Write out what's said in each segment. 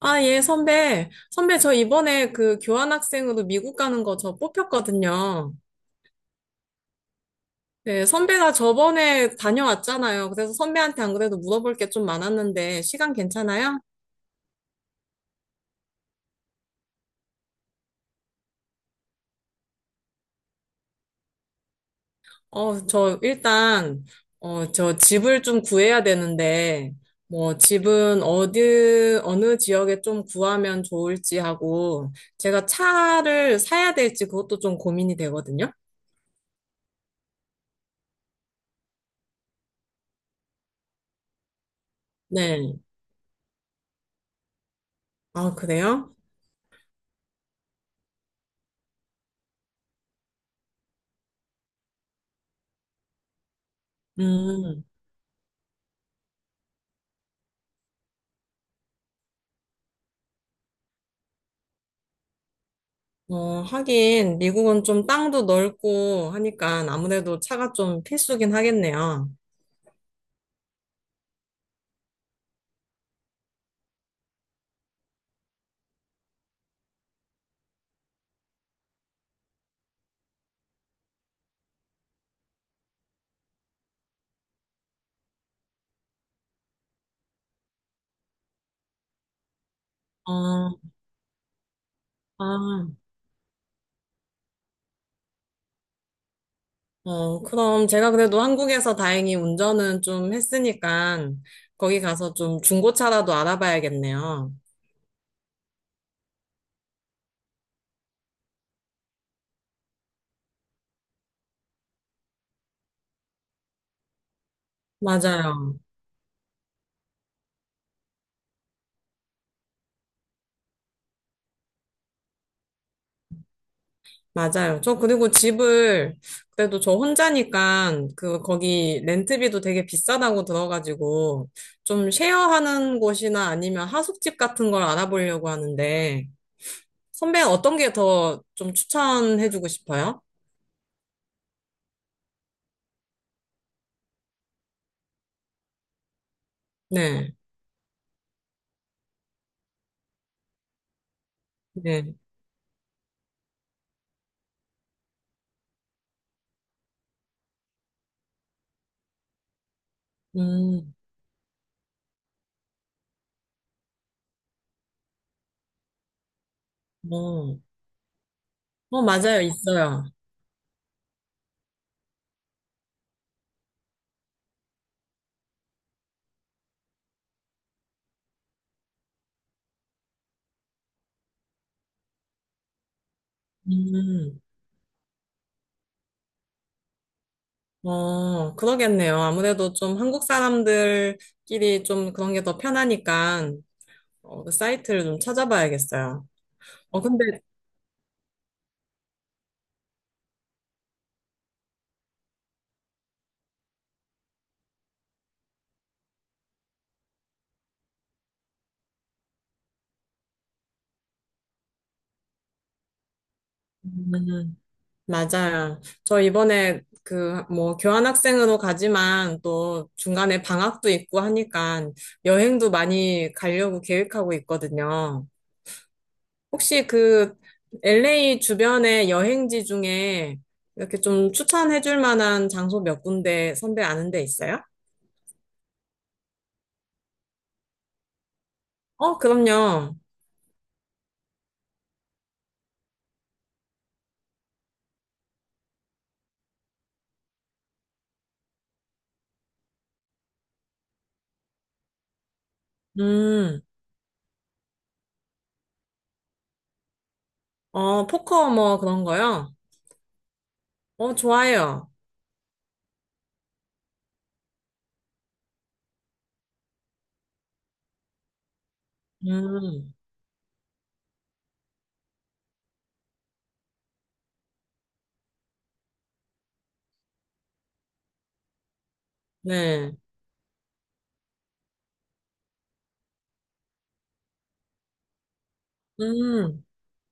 아, 예, 선배. 선배, 저 이번에 그 교환학생으로 미국 가는 거 저 뽑혔거든요. 네, 선배가 저번에 다녀왔잖아요. 그래서 선배한테 안 그래도 물어볼 게 좀 많았는데, 시간 괜찮아요? 저 일단, 저 집을 좀 구해야 되는데, 뭐, 집은 어디, 어느 지역에 좀 구하면 좋을지 하고, 제가 차를 사야 될지 그것도 좀 고민이 되거든요. 네. 아, 그래요? 음. 하긴, 미국은 좀 땅도 넓고 하니까 아무래도 차가 좀 필수긴 하겠네요. 어, 아, 그럼 제가 그래도 한국에서 다행히 운전은 좀 했으니까 거기 가서 좀 중고차라도 알아봐야겠네요. 맞아요. 맞아요. 저 그리고 집을 그래도 저 혼자니까 그 거기 렌트비도 되게 비싸다고 들어가지고 좀 쉐어하는 곳이나 아니면 하숙집 같은 걸 알아보려고 하는데 선배는 어떤 게 더 좀 추천해주고 싶어요? 네, 네, 음, 어, 어, 맞아요, 있어요. 음, 어, 그러겠네요. 아무래도 좀 한국 사람들끼리 좀 그런 게 더 편하니까, 어, 그 사이트를 좀 찾아봐야겠어요. 어, 근데, 음, 맞아요. 저 이번에 그, 뭐, 교환학생으로 가지만 또 중간에 방학도 있고 하니까 여행도 많이 가려고 계획하고 있거든요. 혹시 그 LA 주변의 여행지 중에 이렇게 좀 추천해 줄 만한 장소 몇 군데 선배 아는 데 있어요? 어, 그럼요. 음, 어, 포커 뭐 그런 거요? 어, 좋아요. 음, 네. 음,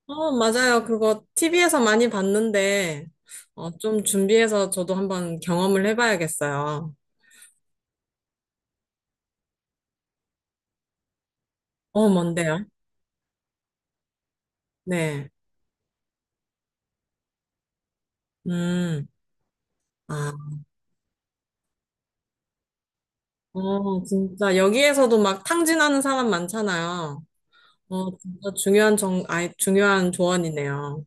어, 맞아요. 그거 TV에서 많이 봤는데, 좀 준비해서 저도 한번 경험을 해봐야겠어요. 어, 뭔데요? 네. 음, 아, 어, 진짜 여기에서도 막 탕진하는 사람 많잖아요. 어, 진짜 중요한 정, 아이, 중요한 조언이네요.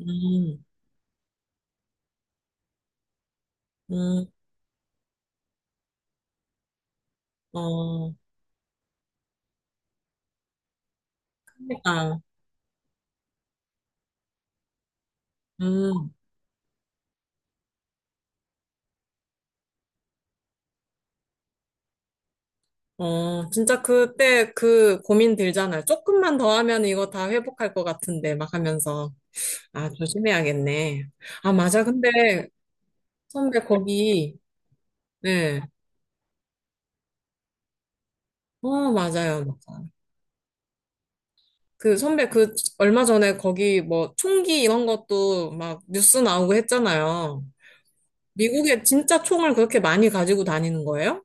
음, 음, 어, 그러니까, 음, 어, 진짜 그때 그 고민 들잖아요. 조금만 더 하면 이거 다 회복할 것 같은데 막 하면서 아, 조심해야겠네. 아, 맞아. 근데 선배 거기 네. 어, 맞아요. 맞아요. 그 선배 그 얼마 전에 거기 뭐 총기 이런 것도 막 뉴스 나오고 했잖아요. 미국에 진짜 총을 그렇게 많이 가지고 다니는 거예요?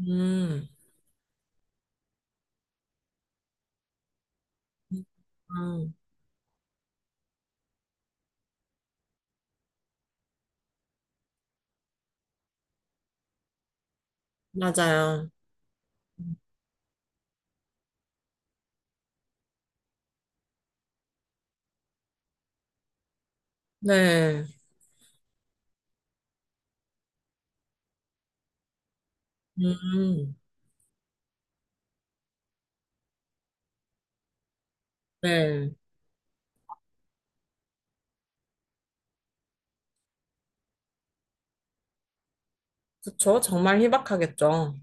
음, 음, 맞아요. 네, 음, 네. 그쵸. 정말 희박하겠죠.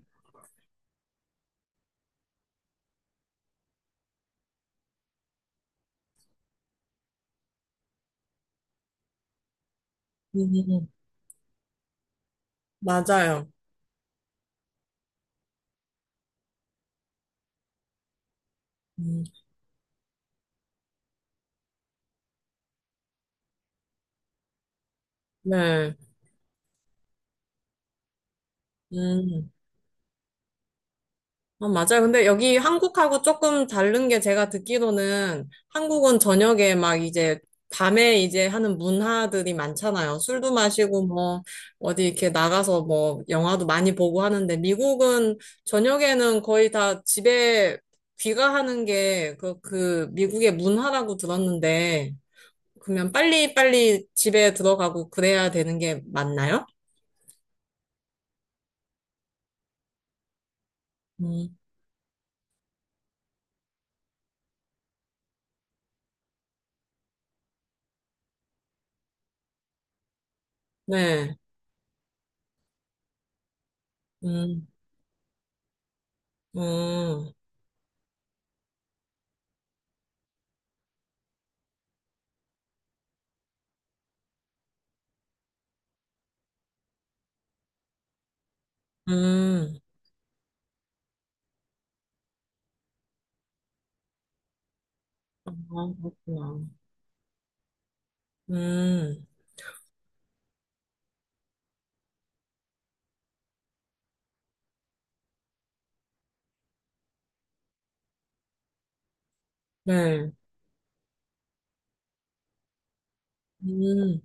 음, 맞아요. 음, 네, 음. 아, 맞아요. 근데 여기 한국하고 조금 다른 게 제가 듣기로는 한국은 저녁에 막 이제 밤에 이제 하는 문화들이 많잖아요. 술도 마시고 뭐 어디 이렇게 나가서 뭐 영화도 많이 보고 하는데 미국은 저녁에는 거의 다 집에 귀가하는 게 그, 그 미국의 문화라고 들었는데 그러면 빨리빨리 집에 들어가고 그래야 되는 게 맞나요? 음, 네. 음, 음, 음. 아, 그렇구나. 음, 네. 음,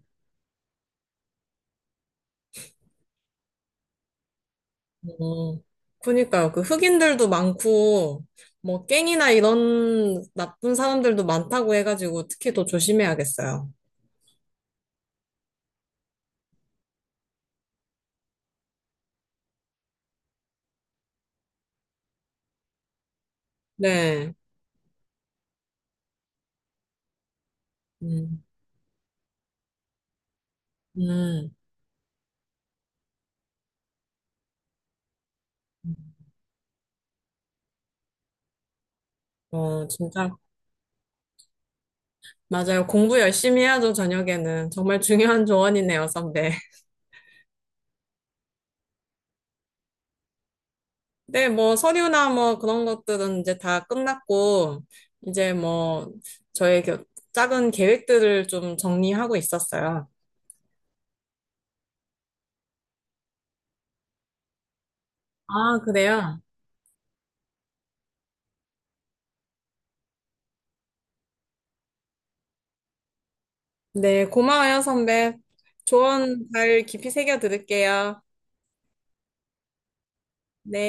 어. 그니까요. 그 흑인들도 많고, 뭐, 갱이나 이런 나쁜 사람들도 많다고 해가지고, 특히 더 조심해야겠어요. 네. 음, 음. 어, 진짜. 맞아요. 공부 열심히 해야죠, 저녁에는. 정말 중요한 조언이네요, 선배. 네, 뭐, 서류나 뭐, 그런 것들은 이제 다 끝났고, 이제 뭐, 저의 작은 계획들을 좀 정리하고 있었어요. 아, 그래요? 네, 고마워요, 선배. 조언 잘 깊이 새겨 들을게요. 네.